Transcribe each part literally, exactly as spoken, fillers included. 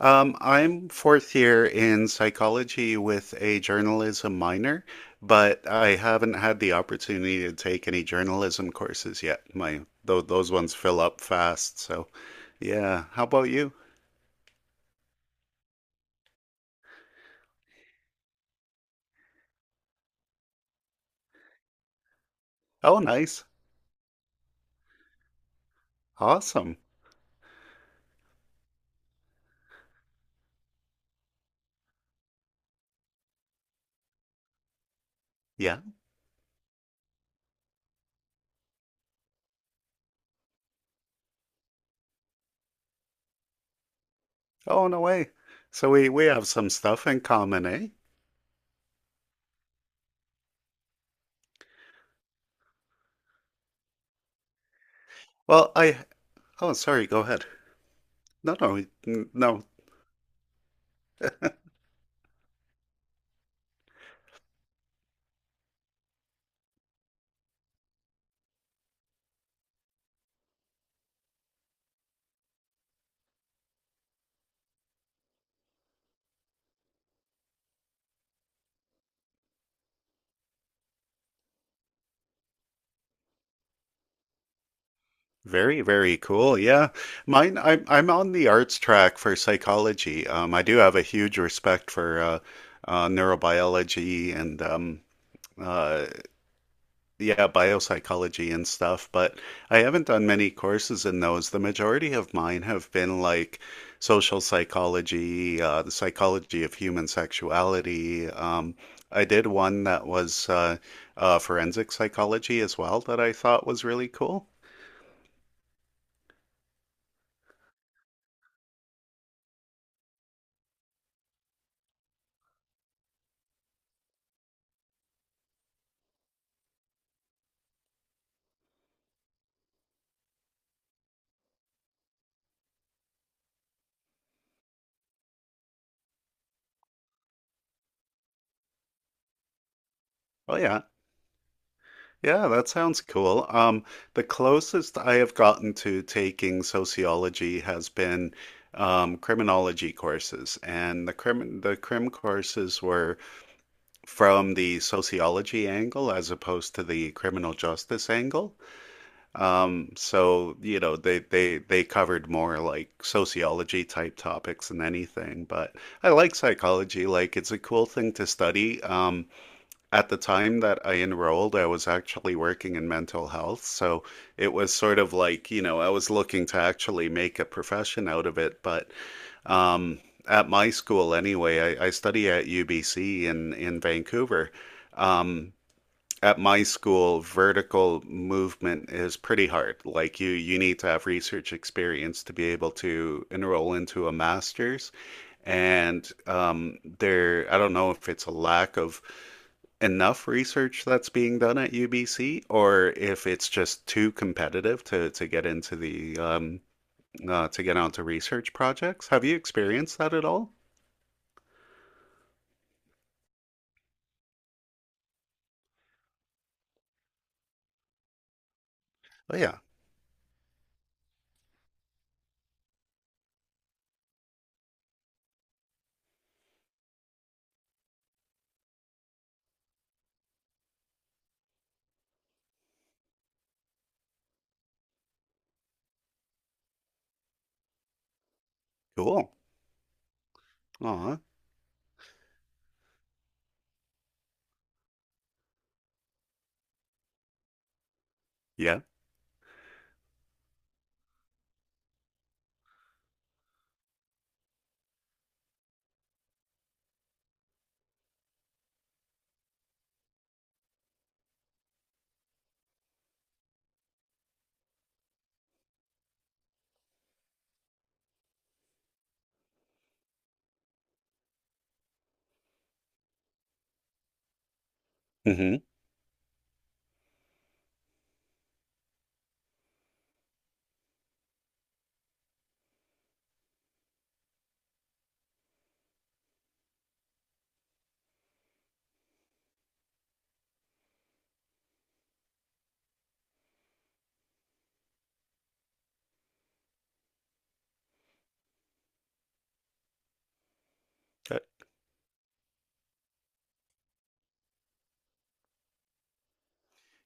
Um, I'm fourth year in psychology with a journalism minor, but I haven't had the opportunity to take any journalism courses yet. My tho those ones fill up fast, so yeah. How about you? Oh, nice. Awesome. Yeah. Oh, no way. So we we have some stuff in common, eh? Well, I oh, sorry, go ahead. No, no, n- no. Very, very cool. Yeah. Mine, I'm, I'm on the arts track for psychology. Um, I do have a huge respect for uh, uh, neurobiology and um, uh, yeah, biopsychology and stuff, but I haven't done many courses in those. The majority of mine have been like social psychology, uh, the psychology of human sexuality. Um, I did one that was uh, uh, forensic psychology as well that I thought was really cool. Oh, yeah. Yeah, that sounds cool. Um, the closest I have gotten to taking sociology has been um, criminology courses, and the crim the crim courses were from the sociology angle as opposed to the criminal justice angle. Um, so you know they they they covered more like sociology type topics than anything. But I like psychology; like it's a cool thing to study. Um, at the time that I enrolled, I was actually working in mental health. So it was sort of like, you know, I was looking to actually make a profession out of it. But um, at my school, anyway, I, I study at U B C in, in Vancouver. Um, at my school, vertical movement is pretty hard. Like you, you need to have research experience to be able to enroll into a master's. And um, there, I don't know if it's a lack of enough research that's being done at U B C, or if it's just too competitive to to get into the um, uh, to get onto research projects. Have you experienced that at all? Oh yeah, cool. Aw, yeah. Mm-hmm.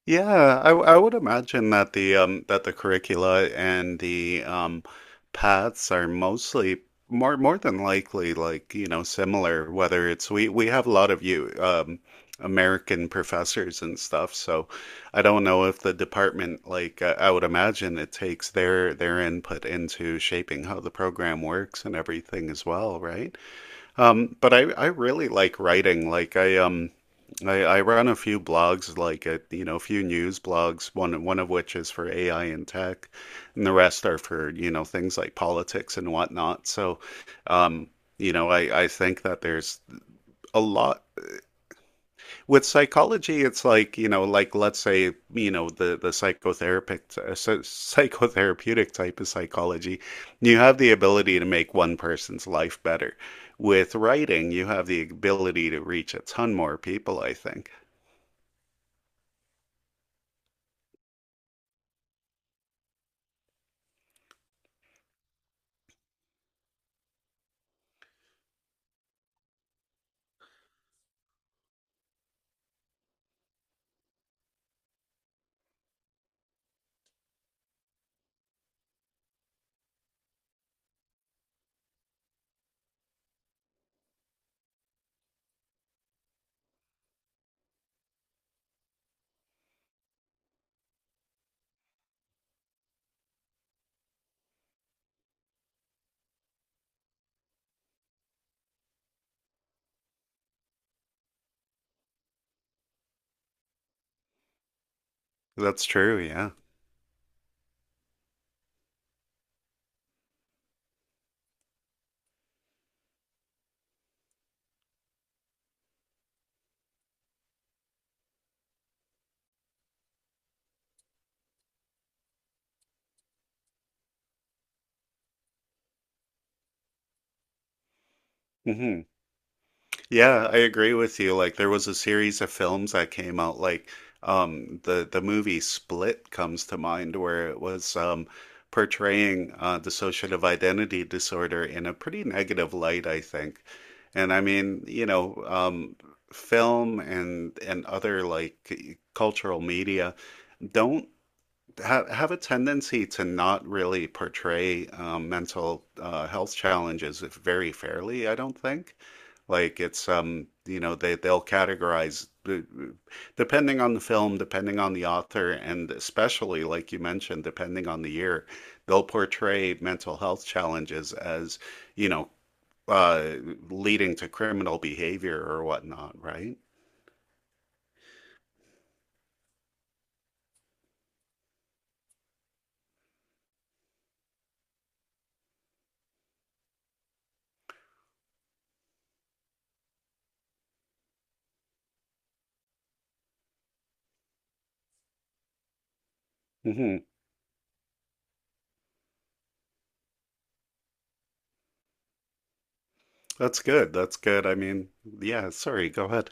Yeah, I, w- I would imagine that the um that the curricula and the um paths are mostly more more than likely like, you know, similar, whether it's we we have a lot of you um American professors and stuff, so I don't know if the department like uh, I would imagine it takes their their input into shaping how the program works and everything as well, right? Um, but I, I really like writing. Like I um I, I run a few blogs, like a, you know, a few news blogs, one one of which is for A I and tech, and the rest are for, you know, things like politics and whatnot. So, um, you know, I, I think that there's a lot with psychology, it's like, you know, like let's say, you know, the the psychotherapeutic uh, psy- psychotherapeutic type of psychology, you have the ability to make one person's life better. With writing, you have the ability to reach a ton more people, I think. That's true, yeah. hmm Yeah, I agree with you. Like there was a series of films that came out like um the the movie Split comes to mind where it was um portraying uh dissociative identity disorder in a pretty negative light, I think. And I mean, you know, um film and and other like cultural media don't ha have a tendency to not really portray um, mental uh, health challenges very fairly, I don't think. Like it's um, you know, they they'll categorize uh, depending on the film, depending on the author, and especially like you mentioned, depending on the year, they'll portray mental health challenges as, you know, uh leading to criminal behavior or whatnot, right? hmm That's good. That's good. I mean, yeah, sorry, go ahead.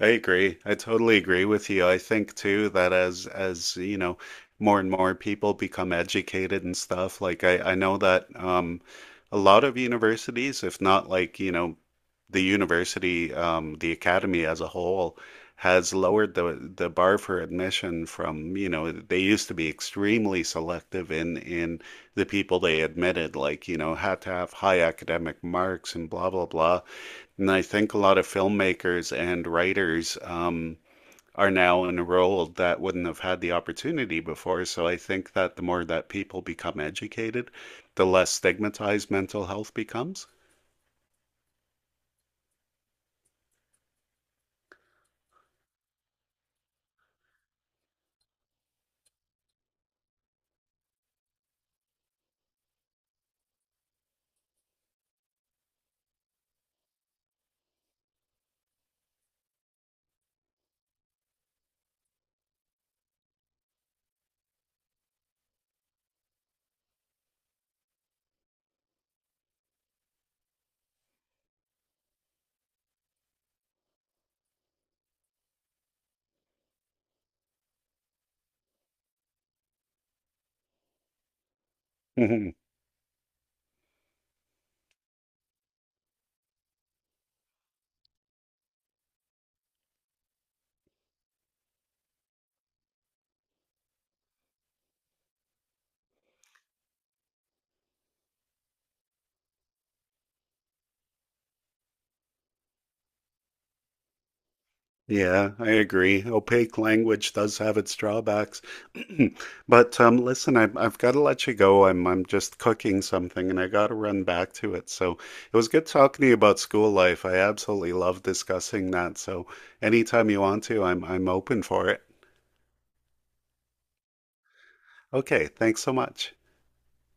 I agree. I totally agree with you. I think too that as as you know, more and more people become educated and stuff, like I I know that um a lot of universities, if not like, you know, the university um the academy as a whole has lowered the the bar for admission from, you know, they used to be extremely selective in in the people they admitted, like, you know, had to have high academic marks and blah blah blah. And I think a lot of filmmakers and writers um, are now enrolled that wouldn't have had the opportunity before. So I think that the more that people become educated, the less stigmatized mental health becomes. Yeah, I agree. Opaque language does have its drawbacks. But um, listen, I, I've got to let you go. I'm I'm just cooking something and I got to run back to it. So it was good talking to you about school life. I absolutely love discussing that. So anytime you want to, I'm I'm open for it. Okay, thanks so much.